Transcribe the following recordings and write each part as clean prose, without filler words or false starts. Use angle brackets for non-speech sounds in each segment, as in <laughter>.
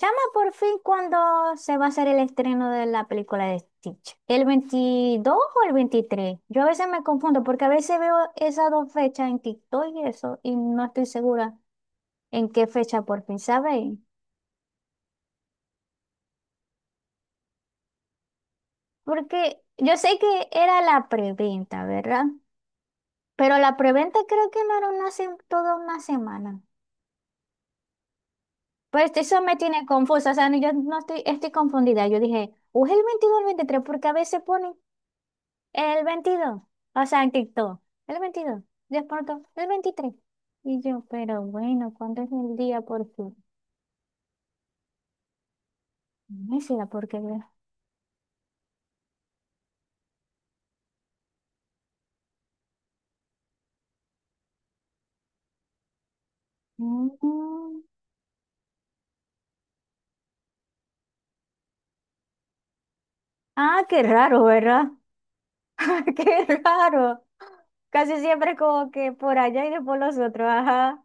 Chama, por fin, ¿cuándo se va a hacer el estreno de la película de Stitch? ¿El 22 o el 23? Yo a veces me confundo porque a veces veo esas dos fechas en TikTok y eso, y no estoy segura en qué fecha por fin, ¿sabéis? Porque yo sé que era la preventa, ¿verdad? Pero la preventa creo que no era toda una semana. Pues eso me tiene confusa, o sea, yo no estoy confundida. Yo dije, ¿o es el 22 o el 23? Porque a veces ponen el 22, o sea, en TikTok, el 22, de pronto, el 23. Y yo, pero bueno, ¿cuándo es el día por fin? No sé la porquería. Mm. Ah, qué raro, ¿verdad? <laughs> Qué raro. Casi siempre como que por allá y después los otros. Ajá.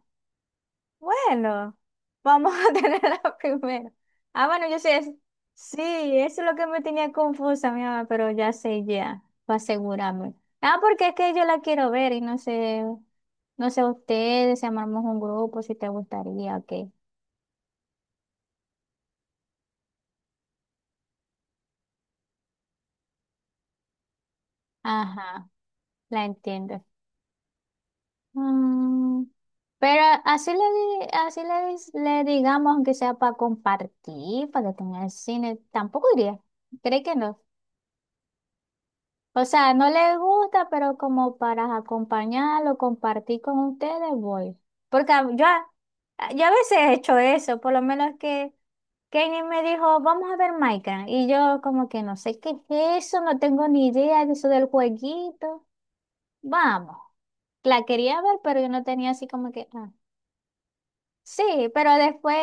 Bueno, vamos a <laughs> tener la primera. Ah, bueno, yo sé. Sí, eso es lo que me tenía confusa, mi mamá, pero ya sé ya, para asegurarme. Ah, porque es que yo la quiero ver y no sé. No sé, ustedes, si armamos un grupo, si te gustaría, ok. Ajá, la entiendo. Mm, pero así le, di- así le, dis- le digamos, aunque sea para compartir, para que tenga el cine, tampoco iría. ¿Cree que no? O sea, no le gusta, pero como para acompañarlo, compartir con ustedes, voy. Porque yo a veces he hecho eso, por lo menos que Kenny me dijo, vamos a ver Minecraft. Y yo como que no sé qué es eso, no tengo ni idea de eso del jueguito. Vamos. La quería ver, pero yo no tenía así como que... ah. Sí, pero después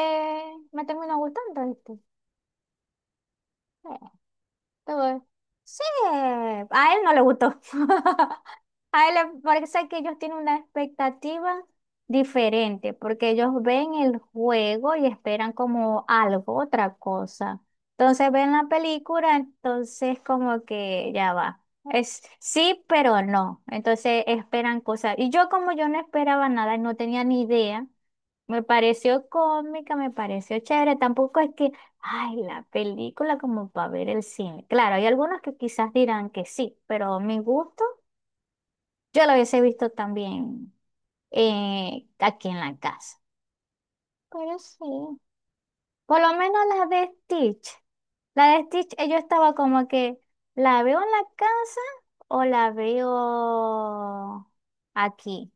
me terminó gustando, ¿viste? Todo bien. Sí, a él no le gustó. <laughs> A él le parece que ellos tienen una expectativa diferente, porque ellos ven el juego y esperan como algo, otra cosa. Entonces ven la película, entonces como que ya va. Es sí, pero no. Entonces esperan cosas. Y yo, como yo no esperaba nada, no tenía ni idea. Me pareció cómica, me pareció chévere. Tampoco es que... Ay, la película como para ver el cine. Claro, hay algunos que quizás dirán que sí, pero mi gusto, yo la hubiese visto también aquí en la casa. Pero sí. Por lo menos la de Stitch. La de Stitch, yo estaba como que, ¿la veo en la casa o la veo aquí?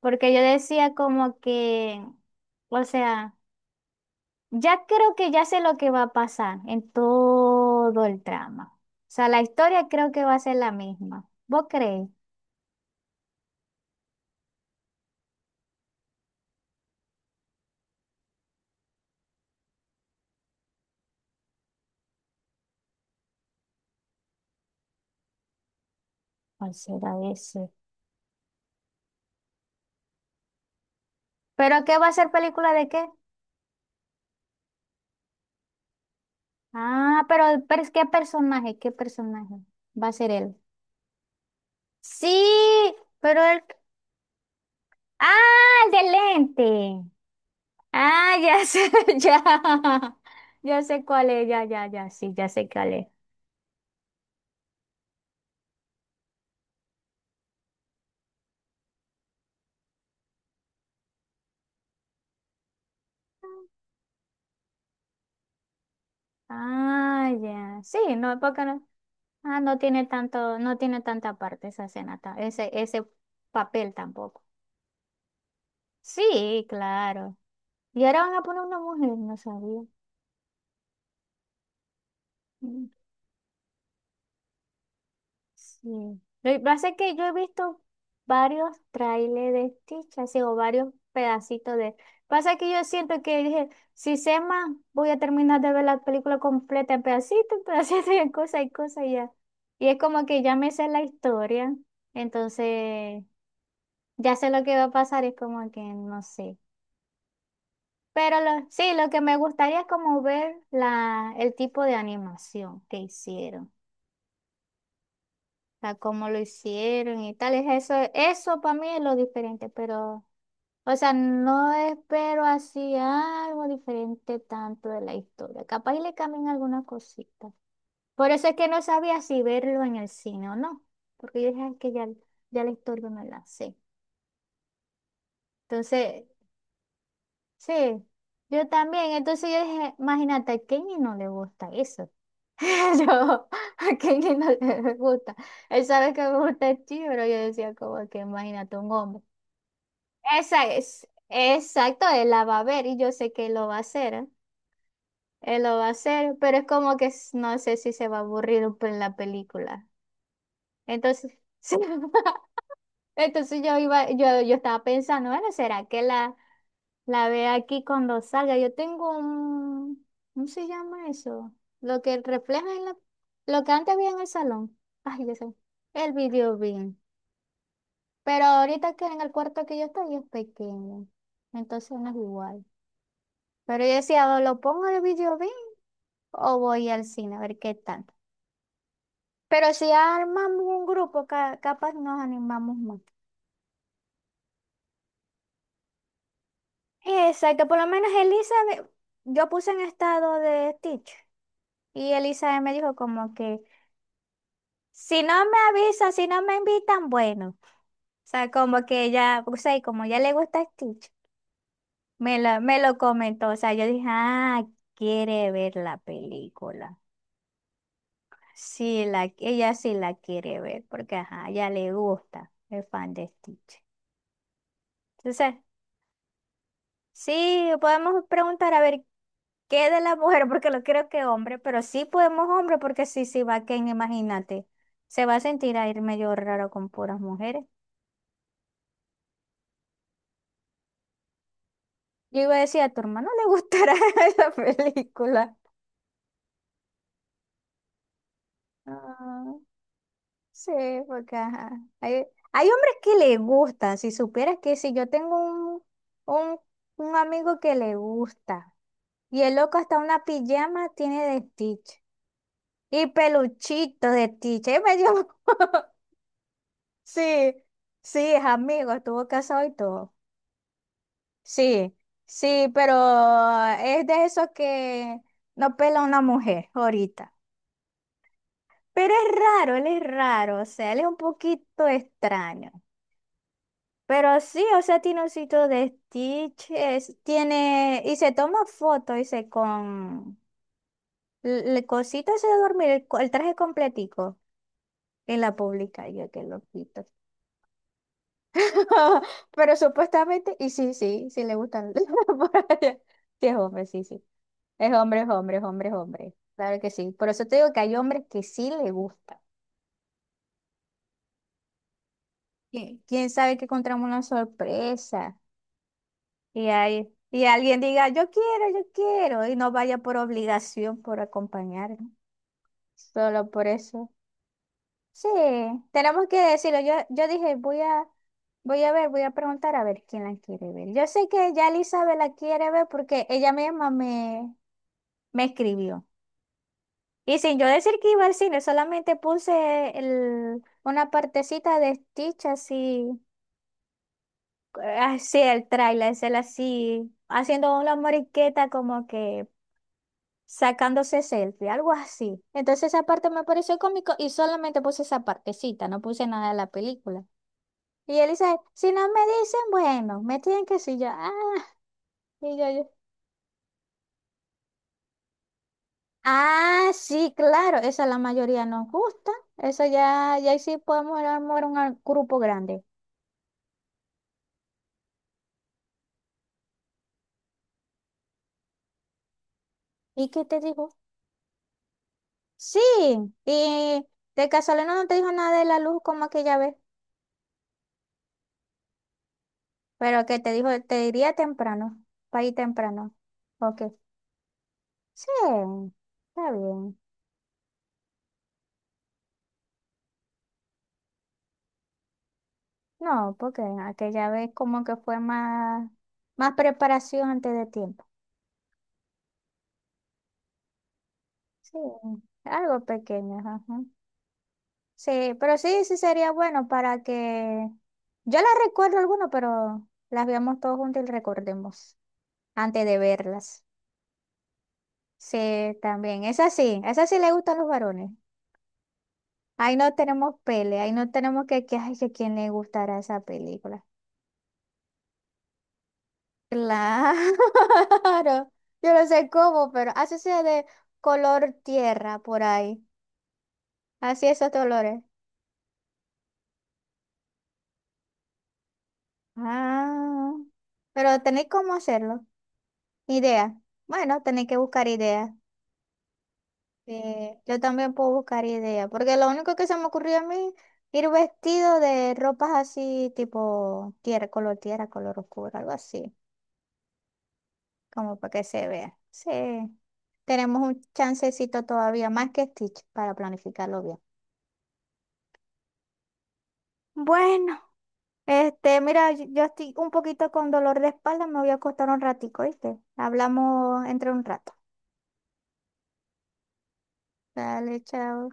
Porque yo decía como que, o sea... Ya creo que ya sé lo que va a pasar en todo el trama. O sea, la historia creo que va a ser la misma. ¿Vos creéis? ¿Cuál será ese? ¿Pero qué va a ser película de qué? Ah, ¿qué personaje? ¿Qué personaje? Va a ser él. Sí, pero él... Ah, el de lente. Ah, ya sé, <laughs> ya. Ya sé cuál es, ya, ya, ya, sí, ya sé cuál es. Ah, ya. Sí, no, porque no. Ah, no tiene tanto, no tiene tanta parte esa escena, ese papel tampoco. Sí, claro. Y ahora van a poner una mujer, no sabía. Mm. Sí. Lo que pasa es que yo he visto varios trailers de Stitch, así, o varios pedacitos de. Pasa que yo siento que dije, si sé más, voy a terminar de ver la película completa en pedacitos, y en cosas y cosas y ya. Y es como que ya me sé la historia, entonces. Ya sé lo que va a pasar, es como que no sé. Sí, lo que me gustaría es como ver el tipo de animación que hicieron, o sea, cómo lo hicieron y tal. Es eso, eso para mí es lo diferente, pero, o sea, no espero así algo diferente tanto de la historia. Capaz y le cambien alguna cosita. Por eso es que no sabía si verlo en el cine o no, porque yo dije "Ay, que ya, ya la historia me la sé". Entonces, sí, yo también. Entonces yo dije, imagínate, a Kenny no le gusta eso. <laughs> Yo, a Kenny no le gusta. Él sabe que me gusta el chi, pero yo decía como que imagínate un hombre. Esa es, exacto, él la va a ver y yo sé que él lo va a hacer, ¿eh? Él lo va a hacer, pero es como que no sé si se va a aburrir en la película. Entonces, <laughs> sí. Entonces yo iba, yo estaba pensando, bueno, ¿será que la... La ve aquí cuando salga. Yo tengo un, ¿cómo se llama eso? Lo que refleja en lo que antes había en el salón. Ay, ya sé. El video bien. Pero ahorita que en el cuarto que yo estoy es pequeño. Entonces no es igual. Pero yo decía, ¿o lo pongo en el video bien o voy al cine a ver qué tal? Pero si armamos un grupo, capaz nos animamos más. Exacto, por lo menos Elizabeth, yo puse en estado de Stitch y Elizabeth me dijo como que si no me avisan, si no me invitan, bueno. O sea, como que ella, o sea, y como ya le gusta Stitch, me lo comentó. O sea, yo dije, ah, quiere ver la película. Sí, la, ella sí la quiere ver, porque ajá, ya le gusta, es fan de Stitch. Entonces, sí, podemos preguntar a ver qué de la mujer, porque no creo que hombre, pero sí podemos hombre, porque sí, sí va Ken, imagínate. Se va a sentir a ir medio raro con puras mujeres. Yo iba a decir, a tu hermano le gustará <laughs> esa película. Ah, sí, porque ajá, Hay, hay hombres que le gustan. Si supieras que si yo tengo un, un amigo que le gusta. Y el loco hasta una pijama tiene de Stitch. Y peluchito de Stitch. Ahí me dio... <laughs> Sí, sí, es amigo, estuvo casado y todo. Sí, sí, pero es de esos que no pela una mujer ahorita. Pero es raro, él es raro, o sea, él es un poquito extraño. Pero sí, o sea, tiene un sitio de stitches, tiene, y se toma fotos, dice, con el cosito ese de dormir, el traje completico, en la pública yo qué loquito. <laughs> Pero supuestamente, y sí, sí, sí le gustan <laughs> por allá. Sí, es hombre, sí, sí. Es hombre, es hombre, es hombre, es hombre. Claro que sí. Por eso te digo que hay hombres que sí le gusta. ¿Quién sabe que encontramos una sorpresa? Y alguien diga, yo quiero, y no vaya por obligación, por acompañar, ¿no? Solo por eso. Sí, tenemos que decirlo. Yo dije, voy a ver, voy a preguntar a ver quién la quiere ver. Yo sé que ya Elizabeth la quiere ver porque ella misma me escribió. Y sin yo decir que iba al cine, solamente puse una partecita de Stitch así, así el tráiler, es él así, haciendo una moriqueta como que sacándose selfie, algo así. Entonces esa parte me pareció cómico y solamente puse esa partecita, no puse nada de la película. Y él dice, si no me dicen, bueno, me tienen que decir yo, ah, y yo, ah, sí, claro, esa la mayoría nos gusta, eso ya, ya ahí sí podemos armar un grupo grande. ¿Y qué te dijo? Sí, y de casualidad no te dijo nada de la luz como aquella vez, pero que te dijo, te diría temprano, para ir temprano. Ok, sí, está bien. No, porque aquella vez como que fue más preparación antes de tiempo. Sí, algo pequeño, ajá. Sí, pero sí, sí sería bueno para que... Yo las recuerdo algunas, pero las veamos todos juntos y recordemos antes de verlas. Sí, también. Esa sí le gustan los varones. Ahí no tenemos pele, ahí no tenemos que ay, que quién le gustará esa película. Claro, <laughs> yo no sé cómo, pero así sea de color tierra por ahí. Así esos colores. Ah, pero tenéis cómo hacerlo. Idea. Bueno, tenéis que buscar ideas. Yo también puedo buscar ideas, porque lo único que se me ocurrió a mí, ir vestido de ropas así, tipo tierra, color oscuro, algo así, como para que se vea. Sí, tenemos un chancecito todavía, más que Stitch, para planificarlo bien. Bueno. Este, mira, yo estoy un poquito con dolor de espalda, me voy a acostar un ratico, ¿viste? Hablamos entre un rato. Dale, chao.